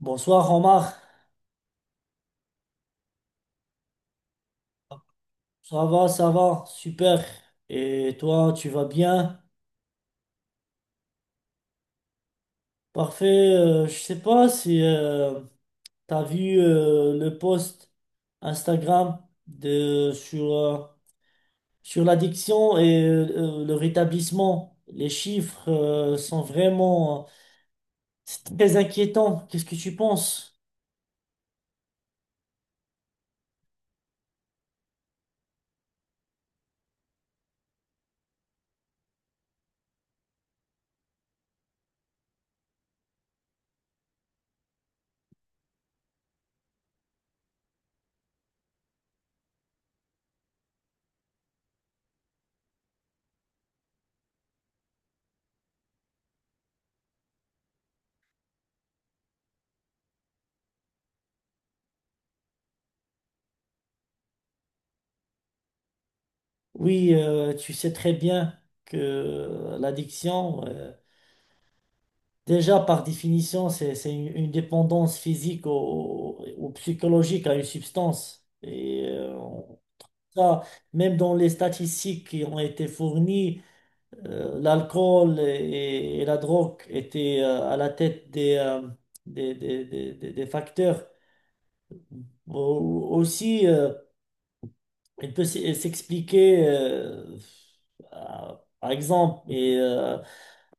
Bonsoir Omar, ça va, super. Et toi, tu vas bien? Parfait. Je sais pas si tu vu le post Instagram de sur sur l'addiction et le rétablissement. Les chiffres sont vraiment, c'est très inquiétant. Qu'est-ce que tu penses? Oui, tu sais très bien que l'addiction. Déjà, par définition, c'est une dépendance physique au- ou psychologique à une substance. Et ça, même dans les statistiques qui ont été fournies, l'alcool et la drogue étaient à la tête des facteurs. Aussi, il peut s'expliquer, par exemple,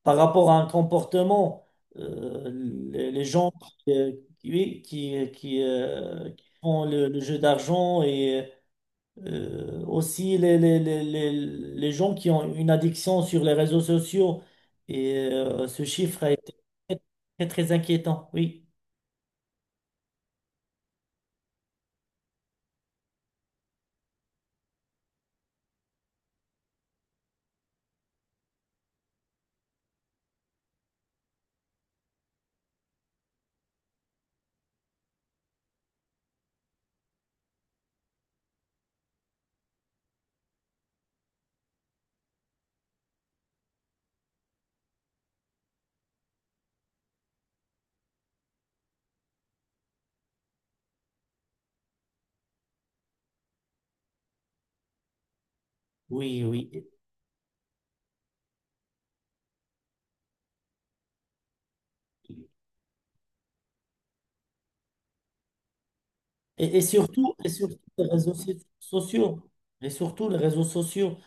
par rapport à un comportement, euh, les gens qui, euh, qui qui font le jeu d'argent et aussi les gens qui ont une addiction sur les réseaux sociaux. Et ce chiffre a été très, très inquiétant. Oui, oui, oui. Et surtout les sociaux. Et surtout les réseaux sociaux.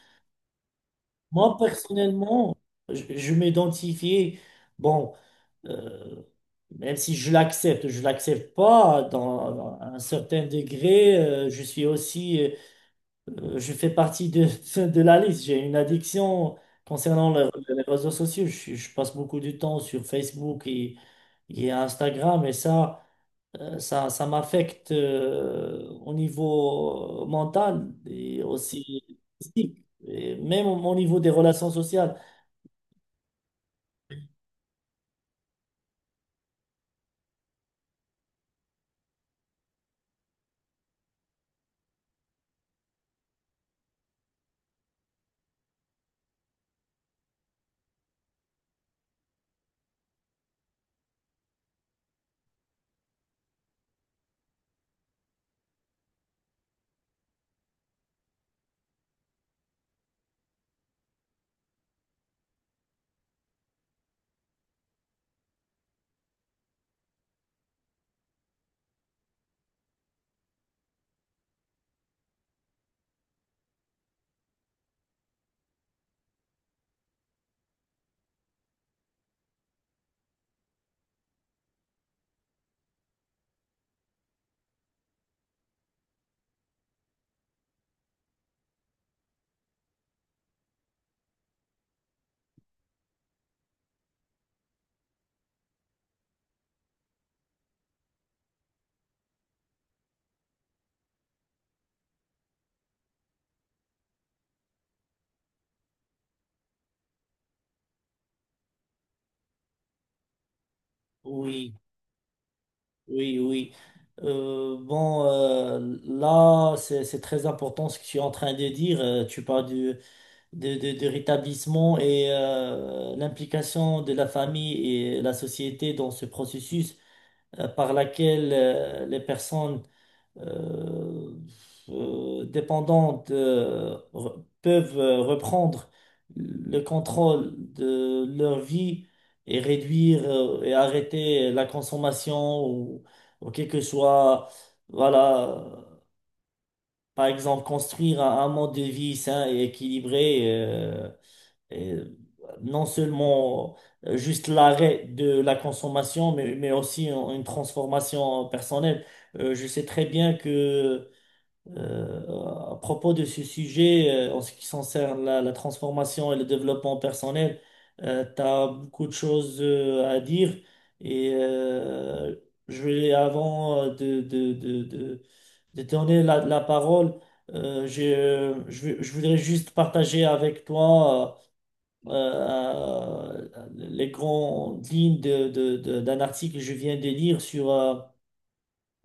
Moi, personnellement, je m'identifiais, bon, euh, même si je l'accepte, je l'accepte pas, dans un certain degré, je suis aussi, je fais partie de, de la liste. J'ai une addiction concernant les réseaux sociaux. Je passe beaucoup de temps sur Facebook et Instagram et ça. Ça m'affecte au niveau mental et aussi physique, et même au niveau des relations sociales. Oui, oui, oui. Là, c'est très important ce que tu es en train de dire. Tu parles de rétablissement et l'implication de la famille et la société dans ce processus par laquelle les personnes euh, dépendants peuvent reprendre le contrôle de leur vie et réduire et arrêter la consommation ou quel que soit, voilà, par exemple, construire un mode de vie sain et équilibré et non seulement juste l'arrêt de la consommation, mais aussi une transformation personnelle. Je sais très bien que euh, à propos de ce sujet, en ce qui concerne la transformation et le développement personnel, tu as beaucoup de choses à dire et je vais, avant de donner la parole, je voudrais juste partager avec toi les grandes lignes d'un article que je viens de lire sur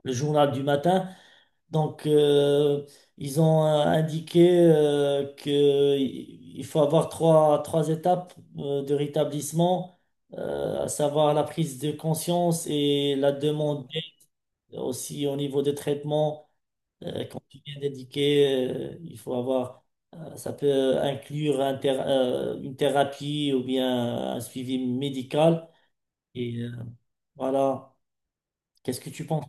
le journal du matin. Donc, ils ont indiqué que il faut avoir trois étapes de rétablissement, à savoir la prise de conscience et la demande d'aide aussi au niveau des traitements. Comme tu viens d'indiquer, il faut avoir, ça peut inclure un une thérapie ou bien un suivi médical. Et voilà, qu'est-ce que tu penses?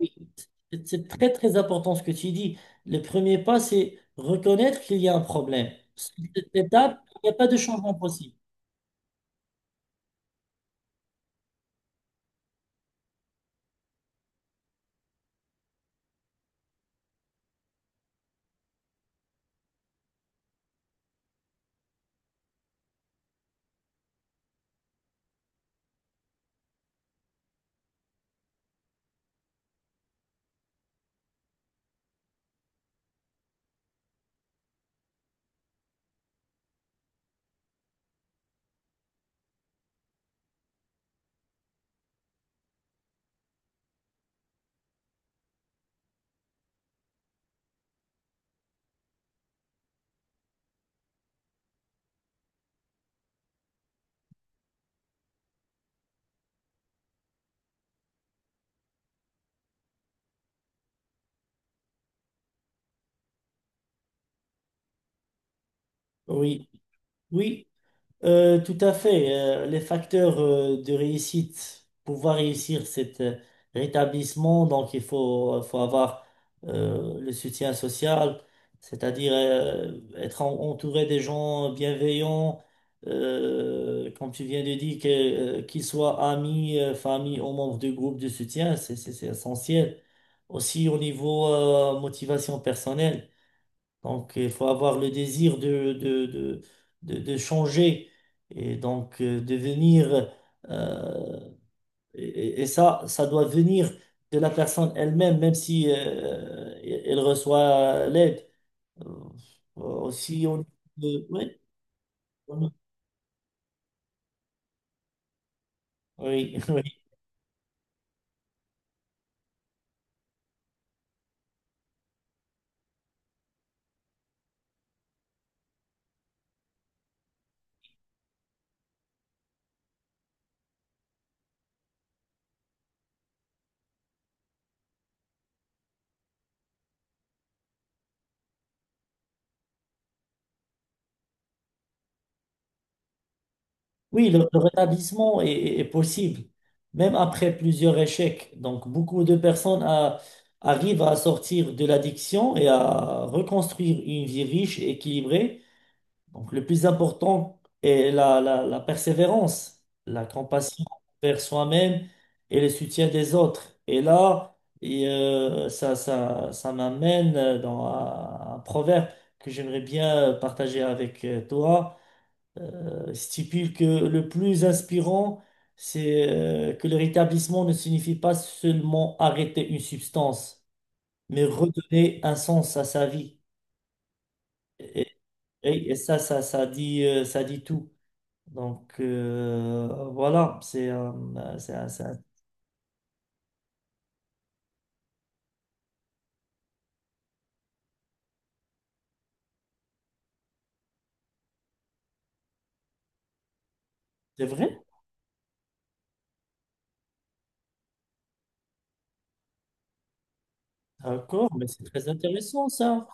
Oui, c'est très très important ce que tu dis. Le premier pas, c'est reconnaître qu'il y a un problème. Cette étape, il n'y a pas de changement possible. Oui, oui, tout à fait. Les facteurs de réussite, pouvoir réussir cet rétablissement, donc il faut, faut avoir le soutien social, c'est-à-dire être entouré des gens bienveillants, comme tu viens de dire, que, qu'ils soient amis, famille ou membres de groupe de soutien, c'est c'est essentiel. Aussi au niveau motivation personnelle. Donc, il faut avoir le désir de changer et donc devenir. euh, et, Ça, ça doit venir de la personne elle-même, même si elle reçoit l'aide. Euh, Aussi, oui, on- oui, oui. Oui, le rétablissement est possible, même après plusieurs échecs. Donc, beaucoup de personnes arrivent à sortir de l'addiction et à reconstruire une vie riche et équilibrée. Donc le plus important est la persévérance, la compassion envers soi-même et le soutien des autres. Et là, ça m'amène dans un proverbe que j'aimerais bien partager avec toi. Stipule que le plus inspirant, c'est que le rétablissement ne signifie pas seulement arrêter une substance, mais redonner un sens à sa vie. Et, et ça, ça dit tout. Donc voilà, c'est c'est c'est- c'est vrai, d'accord, mais c'est très intéressant ça.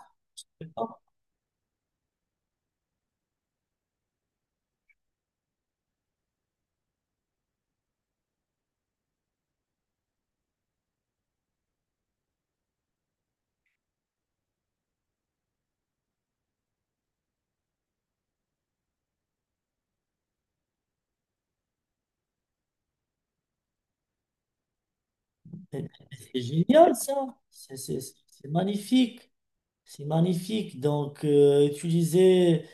C'est génial ça, c'est magnifique, c'est magnifique. Donc utiliser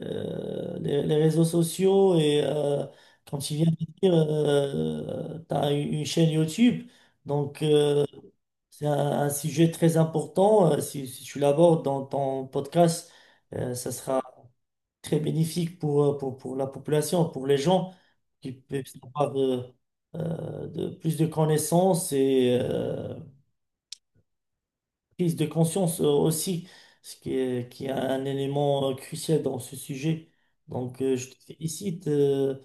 les réseaux sociaux et comme tu viens de dire, tu as une chaîne YouTube, donc c'est un sujet très important. Si, si tu l'abordes dans ton podcast, ça sera très bénéfique pour, pour la population, pour les gens qui peuvent avoir plus de connaissances et prise de conscience aussi, ce qui est un élément crucial dans ce sujet. Donc, je te félicite euh,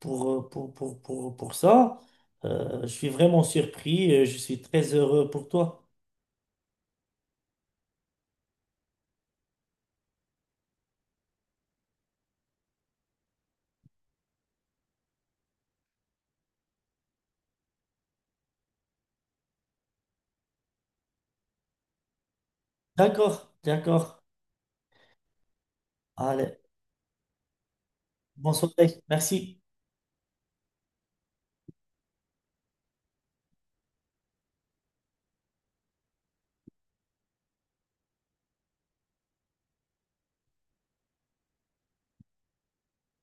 pour, euh, pour, pour, pour, pour ça. Je suis vraiment surpris et je suis très heureux pour toi. D'accord, d'accord. Allez, bonne soirée. Merci.